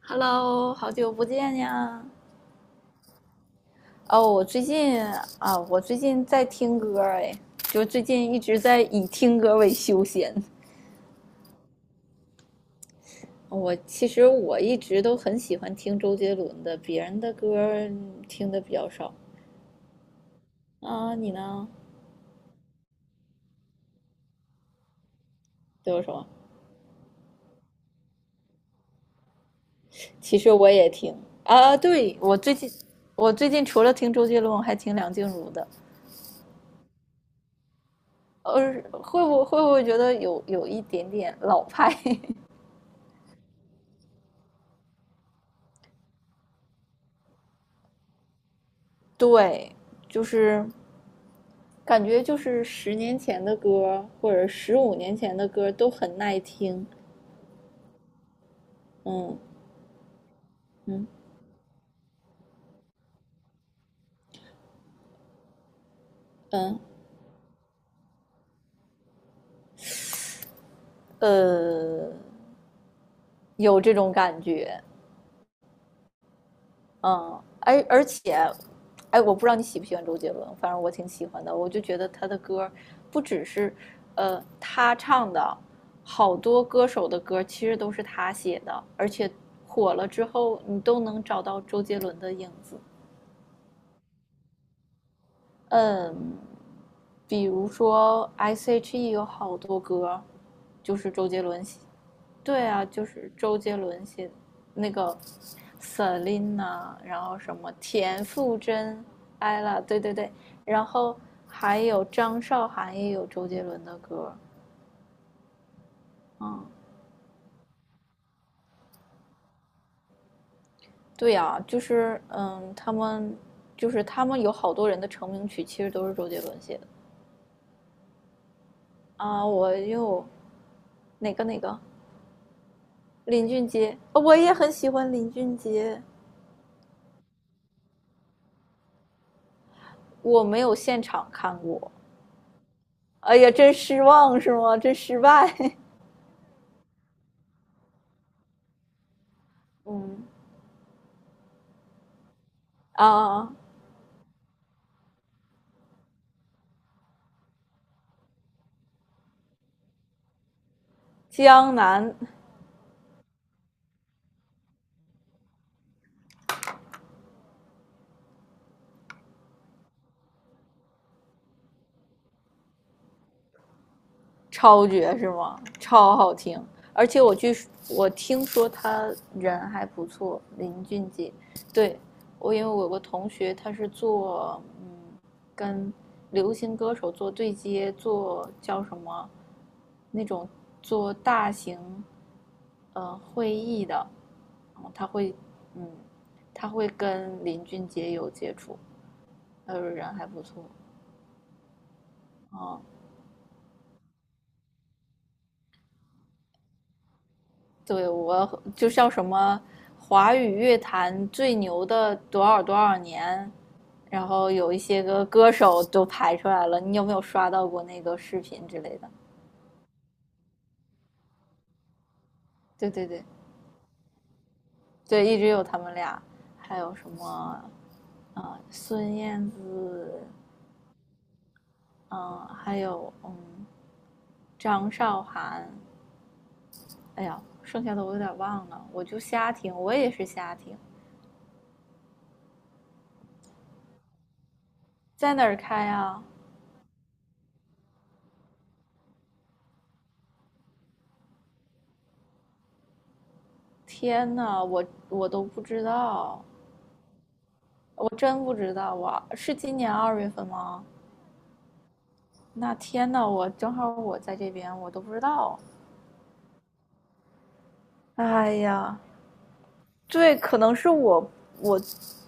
Hello，好久不见呀！哦，我最近在听歌儿哎，就最近一直在以听歌为休闲。其实我一直都很喜欢听周杰伦的，别人的歌儿听的比较少。啊，你呢？都有什么？其实我也听。啊，对，我最近除了听周杰伦，我还听梁静茹的。会不会觉得有一点点老派？对，就是。感觉就是10年前的歌或者15年前的歌都很耐听，嗯嗯嗯呃，有这种感觉，嗯，而且，哎，我不知道你喜不喜欢周杰伦，反正我挺喜欢的，我就觉得他的歌不只是他唱的，好多歌手的歌其实都是他写的，而且火了之后你都能找到周杰伦的影子，嗯，比如说 S.H.E 有好多歌，就是周杰伦写。对啊，就是周杰伦写那个 Selina，然后什么田馥甄、ella，对对对，然后还有张韶涵也有周杰伦的歌。嗯，对呀、就是，就是他们有好多人的成名曲其实都是周杰伦写的啊。我又哪个林俊杰，我也很喜欢林俊杰，我没有现场看过，哎呀，真失望是吗？真失败。嗯啊，江南。超绝是吗？超好听，而且我听说他人还不错，林俊杰。对，因为我有个同学，他是做跟流行歌手做对接，做叫什么那种做大型会议的，然后嗯他会跟林俊杰有接触，他说人还不错啊。哦对，我就叫什么华语乐坛最牛的多少多少年，然后有一些个歌手都排出来了，你有没有刷到过那个视频之类的？对对对对，一直有他们俩，还有什么啊、孙燕姿，还有张韶涵，哎呀，剩下的我有点忘了，我就瞎听，我也是瞎听，在哪儿开啊？天呐，我都不知道。我真不知道啊，是今年2月份吗？那天呐，我正好在这边，我都不知道。哎呀，对，可能是我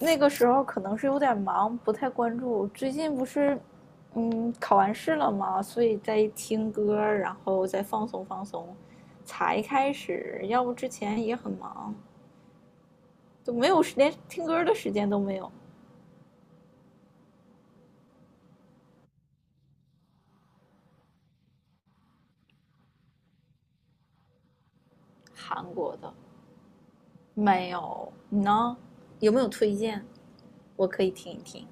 那个时候可能是有点忙，不太关注。最近不是考完试了嘛，所以在听歌，然后再放松放松，才开始。要不之前也很忙，就没有时连听歌的时间都没有。韩国的没有，你呢？有没有推荐？我可以听一听。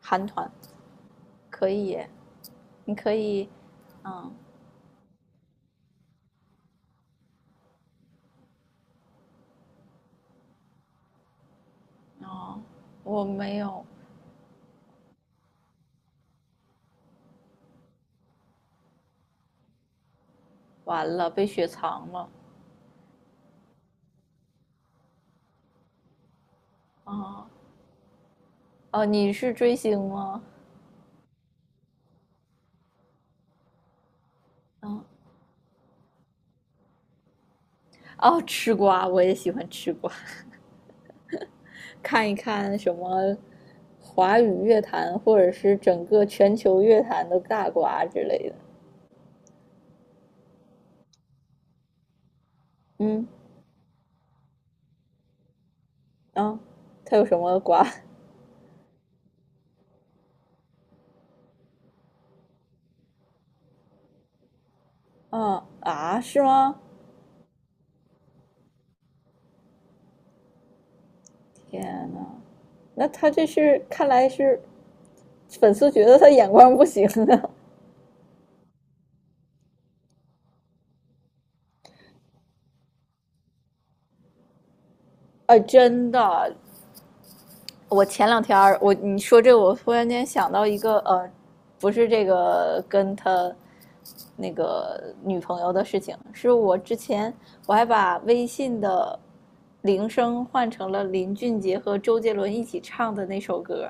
韩团可以耶你可以，嗯，哦，我没有，完了被雪藏了，哦哦，你是追星吗？嗯，哦，吃瓜我也喜欢吃瓜，看一看什么华语乐坛或者是整个全球乐坛的大瓜之类的。嗯啊，他有什么瓜？啊啊，是吗？天呐，那他看来是粉丝觉得他眼光不行啊！啊，真的，我前两天我你说这，我突然间想到一个，不是这个跟他那个女朋友的事情，是我之前还把微信的铃声换成了林俊杰和周杰伦一起唱的那首歌，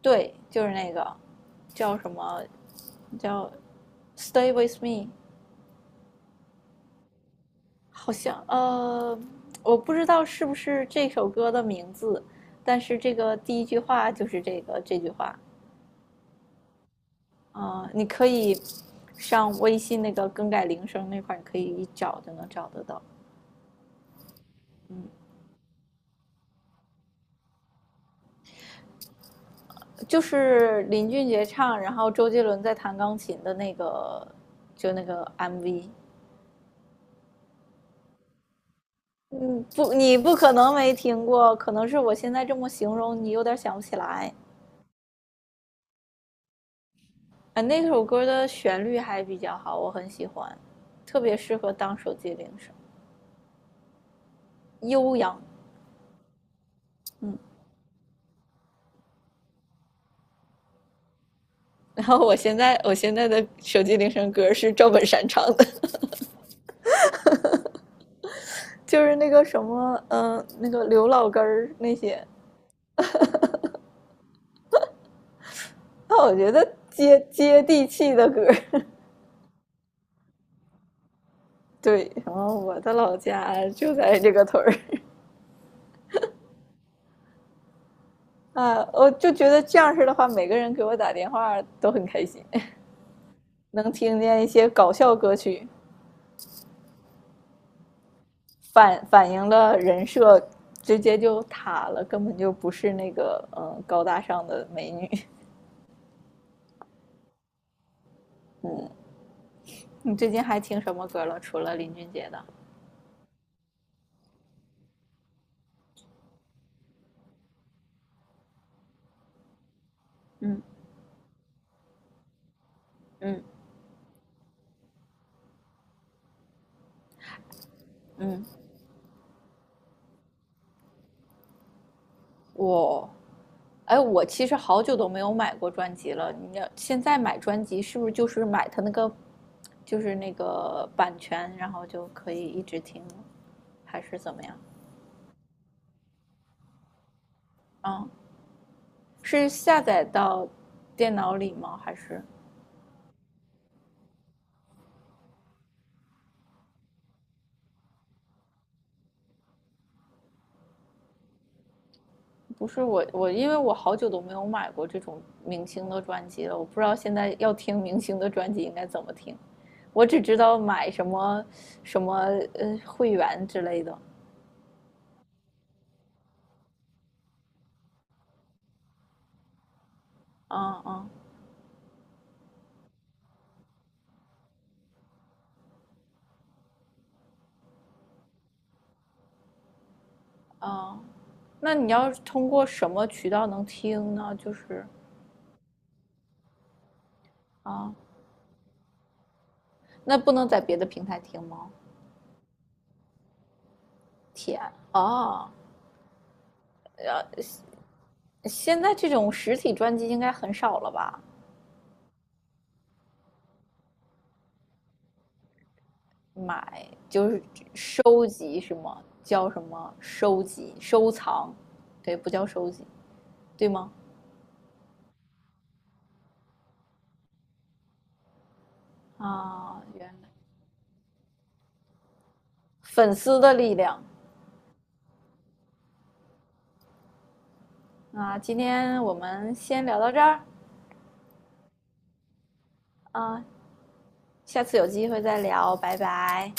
对，就是那个叫什么叫 Stay with me，好像我不知道是不是这首歌的名字，但是这个第一句话就是这句话。啊，你可以上微信那个更改铃声那块儿，你可以一找就能找得到。嗯，就是林俊杰唱，然后周杰伦在弹钢琴的那个，就那个 MV。嗯，不，你不可能没听过，可能是我现在这么形容，你有点想不起来。啊，那首歌的旋律还比较好，我很喜欢，特别适合当手机铃声，悠扬。嗯，然后我现在的手机铃声歌是赵本山唱的。就是那个什么，那个刘老根儿那些，那我觉得接地气的歌 对，然后我的老家就在这个屯儿 啊，我就觉得这样式的话，每个人给我打电话都很开心，能听见一些搞笑歌曲，反映了人设直接就塌了，根本就不是那个高大上的美女。嗯，你最近还听什么歌了？除了林俊杰的？嗯嗯。嗯我，哎，我其实好久都没有买过专辑了。你要现在买专辑，是不是就是买它那个，就是那个版权，然后就可以一直听还是怎么样？嗯，是下载到电脑里吗？还是不是我因为我好久都没有买过这种明星的专辑了，我不知道现在要听明星的专辑应该怎么听。我只知道买什么什么会员之类的。嗯嗯嗯，那你要通过什么渠道能听呢？就是啊，那不能在别的平台听吗？天啊，现在这种实体专辑应该很少了吧？买就是收集什么叫什么收集、收藏？对，不叫收集，对吗？啊，原来粉丝的力量啊！今天我们先聊到这儿啊，下次有机会再聊，拜拜。